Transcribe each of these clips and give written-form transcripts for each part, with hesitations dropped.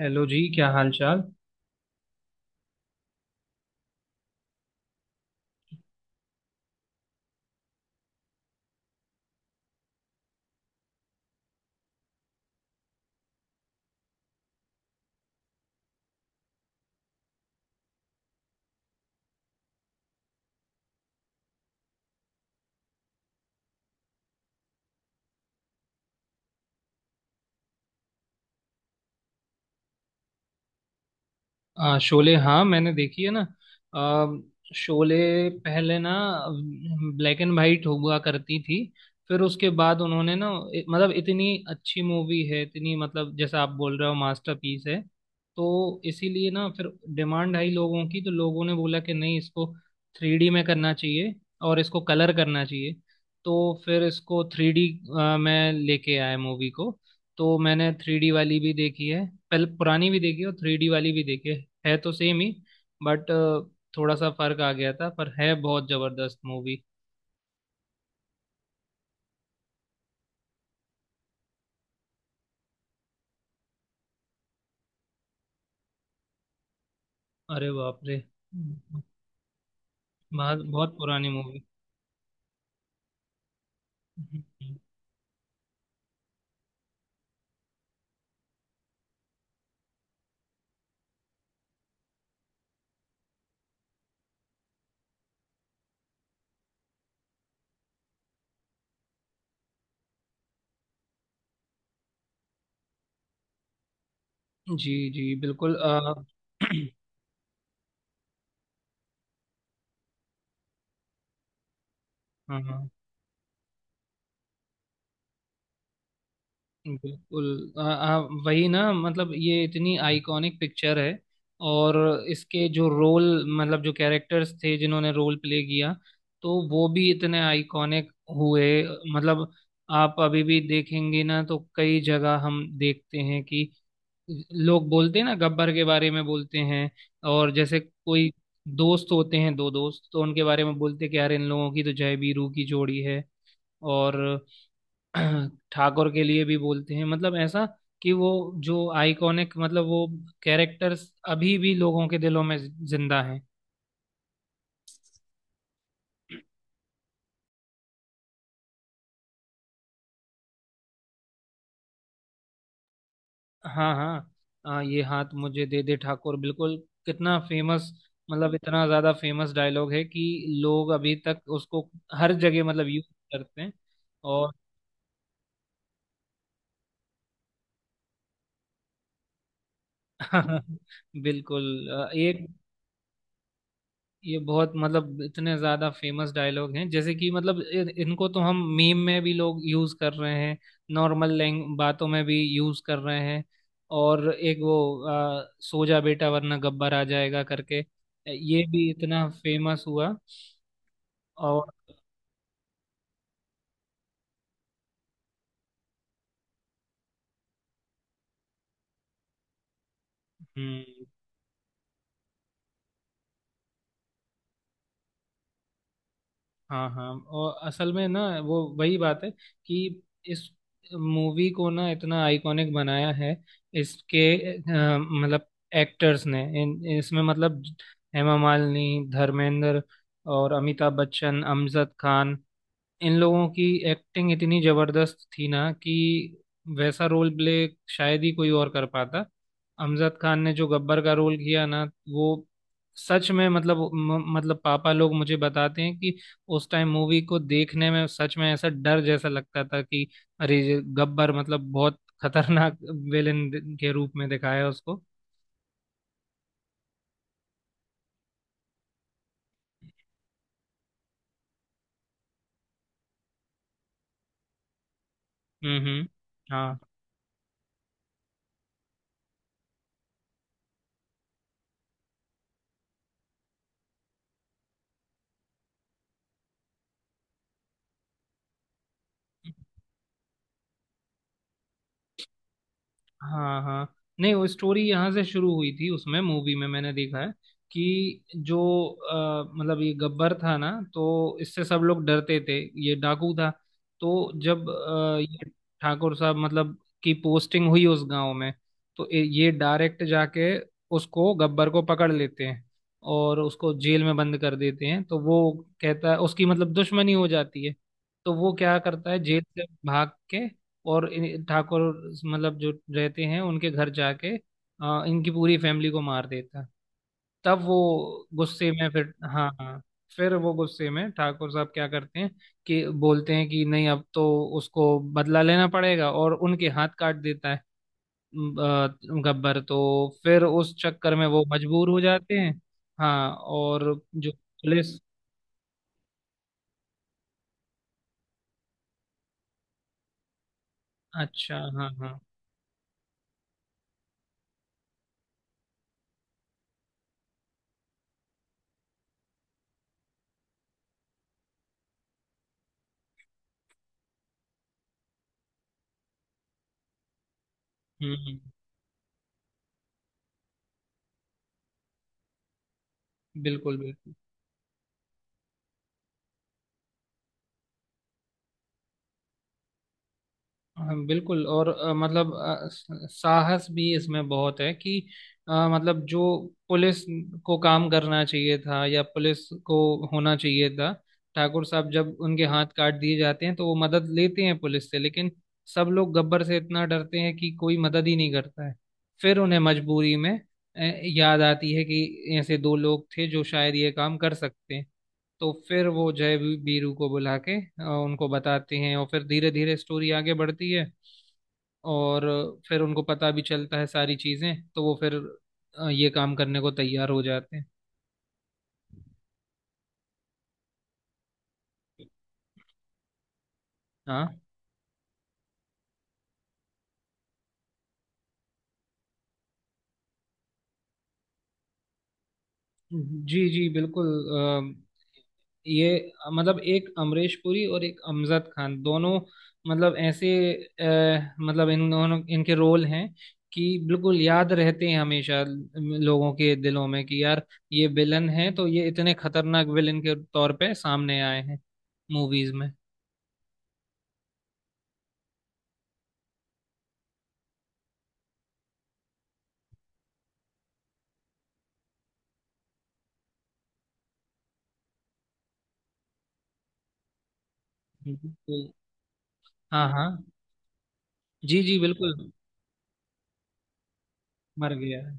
Hello जी क्या हाल चाल शोले, हाँ मैंने देखी है ना। आ, शोले पहले ना ब्लैक एंड वाइट हुआ करती थी। फिर उसके बाद उन्होंने ना मतलब इतनी अच्छी मूवी है, इतनी, मतलब जैसा आप बोल रहे हो मास्टरपीस है। तो इसीलिए ना फिर डिमांड आई लोगों की, तो लोगों ने बोला कि नहीं, इसको थ्री डी में करना चाहिए और इसको कलर करना चाहिए। तो फिर इसको थ्री डी में लेके आए मूवी को। तो मैंने थ्री डी वाली भी देखी है, पहले पुरानी भी देखी है और थ्री डी वाली भी देखी है। है तो सेम ही, बट थोड़ा सा फर्क आ गया था, पर है बहुत जबरदस्त मूवी। अरे बाप रे! बहुत, बहुत पुरानी मूवी। जी जी बिल्कुल। हाँ हाँ बिल्कुल। आ, आ, वही ना, मतलब ये इतनी आइकॉनिक पिक्चर है। और इसके जो रोल, मतलब जो कैरेक्टर्स थे जिन्होंने रोल प्ले किया, तो वो भी इतने आइकॉनिक हुए। मतलब आप अभी भी देखेंगे ना तो कई जगह हम देखते हैं कि लोग बोलते हैं ना, गब्बर के बारे में बोलते हैं। और जैसे कोई दोस्त होते हैं, दो दोस्त, तो उनके बारे में बोलते हैं कि यार इन लोगों की तो जय वीरू की जोड़ी है। और ठाकुर के लिए भी बोलते हैं, मतलब ऐसा, कि वो जो आइकॉनिक, मतलब वो कैरेक्टर्स अभी भी लोगों के दिलों में जिंदा हैं। हाँ हाँ। ये हाथ मुझे दे दे ठाकुर, बिल्कुल। कितना फेमस! मतलब इतना ज्यादा फेमस डायलॉग है कि लोग अभी तक उसको हर जगह मतलब यूज करते हैं। और बिल्कुल। एक ये बहुत, मतलब इतने ज्यादा फेमस डायलॉग हैं जैसे कि, मतलब इनको तो हम मीम में भी लोग यूज कर रहे हैं, नॉर्मल लैंग बातों में भी यूज कर रहे हैं। और एक वो, सो जा बेटा वरना गब्बर आ जाएगा करके, ये भी इतना फेमस हुआ। और हम्म, हाँ हाँ। और असल में ना, वो वही बात है कि इस मूवी को ना इतना आइकॉनिक बनाया है इसके मतलब एक्टर्स ने। इन इसमें मतलब हेमा मालिनी, धर्मेंद्र और अमिताभ बच्चन, अमजद खान, इन लोगों की एक्टिंग इतनी जबरदस्त थी ना कि वैसा रोल प्ले शायद ही कोई और कर पाता। अमजद खान ने जो गब्बर का रोल किया ना, वो सच में, मतलब मतलब पापा लोग मुझे बताते हैं कि उस टाइम मूवी को देखने में सच में ऐसा डर जैसा लगता था कि अरे ये गब्बर, मतलब बहुत खतरनाक विलेन के रूप में दिखाया उसको। हम्म, हाँ हाँ हाँ। नहीं, वो स्टोरी यहाँ से शुरू हुई थी, उसमें मूवी में मैंने देखा है कि जो मतलब ये गब्बर था ना तो इससे सब लोग डरते थे। ये डाकू था। तो जब ये ठाकुर साहब, मतलब की पोस्टिंग हुई उस गांव में, तो ये डायरेक्ट जाके उसको, गब्बर को, पकड़ लेते हैं और उसको जेल में बंद कर देते हैं। तो वो कहता है, उसकी मतलब दुश्मनी हो जाती है। तो वो क्या करता है, जेल से भाग के, और ठाकुर, मतलब जो रहते हैं उनके घर जाके, इनकी पूरी फैमिली को मार देता है। तब वो गुस्से में फिर, हाँ हाँ, फिर वो गुस्से में ठाकुर साहब क्या करते हैं कि बोलते हैं कि नहीं, अब तो उसको बदला लेना पड़ेगा, और उनके हाथ काट देता है अ, गब्बर तो। फिर उस चक्कर में वो मजबूर हो जाते हैं। हाँ, और जो पुलिस, अच्छा, हाँ हाँ, हम्म, बिल्कुल बिल्कुल। हाँ बिल्कुल। और मतलब साहस भी इसमें बहुत है कि मतलब जो पुलिस को काम करना चाहिए था, या पुलिस को होना चाहिए था। ठाकुर साहब जब उनके हाथ काट दिए जाते हैं तो वो मदद लेते हैं पुलिस से, लेकिन सब लोग गब्बर से इतना डरते हैं कि कोई मदद ही नहीं करता है। फिर उन्हें मजबूरी में याद आती है कि ऐसे दो लोग थे जो शायद ये काम कर सकते हैं। तो फिर वो जय बीरू को बुला के उनको बताते हैं, और फिर धीरे धीरे स्टोरी आगे बढ़ती है। और फिर उनको पता भी चलता है सारी चीजें, तो वो फिर ये काम करने को तैयार हो जाते हैं। हाँ। जी जी बिल्कुल। ये मतलब एक अमरीश पुरी और एक अमजद खान, दोनों, मतलब ऐसे मतलब इन दोनों, इनके रोल हैं कि बिल्कुल याद रहते हैं हमेशा लोगों के दिलों में कि यार ये विलन है, तो ये इतने खतरनाक विलन के तौर पे सामने आए हैं मूवीज में। बिल्कुल। हाँ हाँ, जी जी बिल्कुल। मर गया है।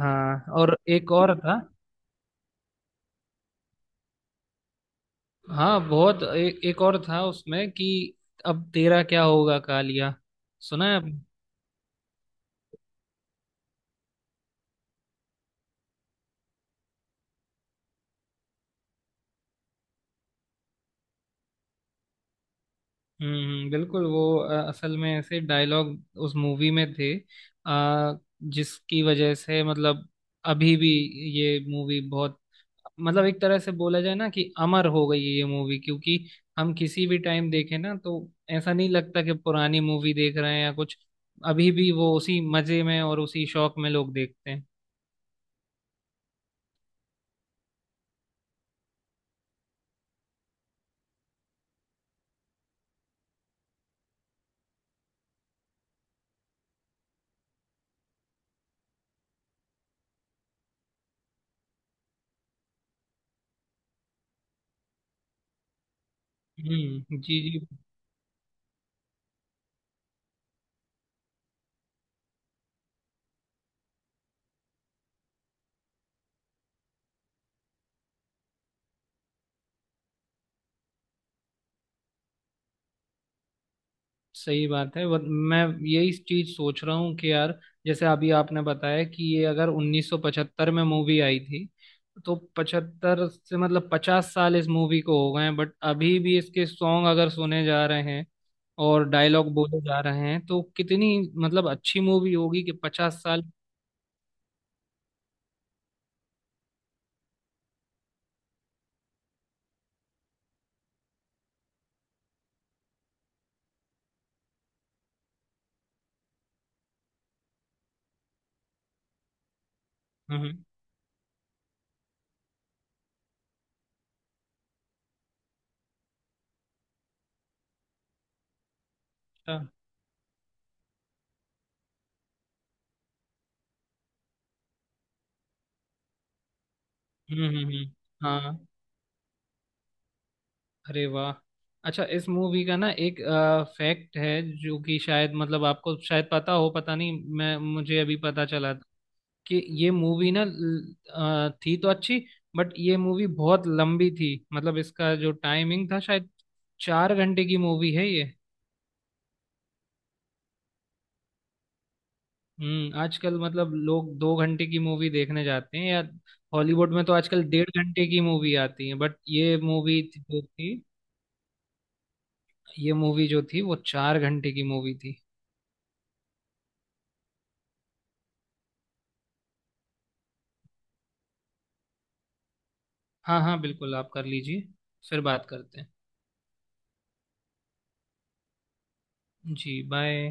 हाँ, और एक और था। हाँ बहुत, एक और था उसमें कि अब तेरा क्या होगा कालिया, सुना है आपने? बिल्कुल वो असल में ऐसे डायलॉग उस मूवी में थे अ, जिसकी वजह से, मतलब अभी भी ये मूवी बहुत, मतलब एक तरह से बोला जाए ना कि अमर हो गई है ये मूवी, क्योंकि हम किसी भी टाइम देखें ना तो ऐसा नहीं लगता कि पुरानी मूवी देख रहे हैं या कुछ। अभी भी वो उसी मजे में और उसी शौक में लोग देखते हैं। हम्म, जी जी। सही बात है। मैं यही चीज सोच रहा हूँ कि यार, जैसे अभी आपने बताया कि ये अगर 1975 में मूवी आई थी, तो 75 से मतलब 50 साल इस मूवी को हो गए हैं, बट अभी भी इसके सॉन्ग अगर सुने जा रहे हैं और डायलॉग बोले जा रहे हैं, तो कितनी मतलब अच्छी मूवी होगी कि 50 साल। हम्म हम्म, हाँ, अरे वाह! अच्छा, इस मूवी का ना एक फैक्ट है जो कि शायद, मतलब आपको शायद पता हो, पता नहीं, मैं मुझे अभी पता चला था कि ये मूवी ना थी तो अच्छी, बट ये मूवी बहुत लंबी थी, मतलब इसका जो टाइमिंग था, शायद 4 घंटे की मूवी है ये। आजकल मतलब लोग 2 घंटे की मूवी देखने जाते हैं, या हॉलीवुड में तो आजकल 1.5 घंटे की मूवी आती है, बट ये मूवी जो थी वो 4 घंटे की मूवी थी। हाँ हाँ बिल्कुल, आप कर लीजिए। फिर बात करते हैं जी, बाय।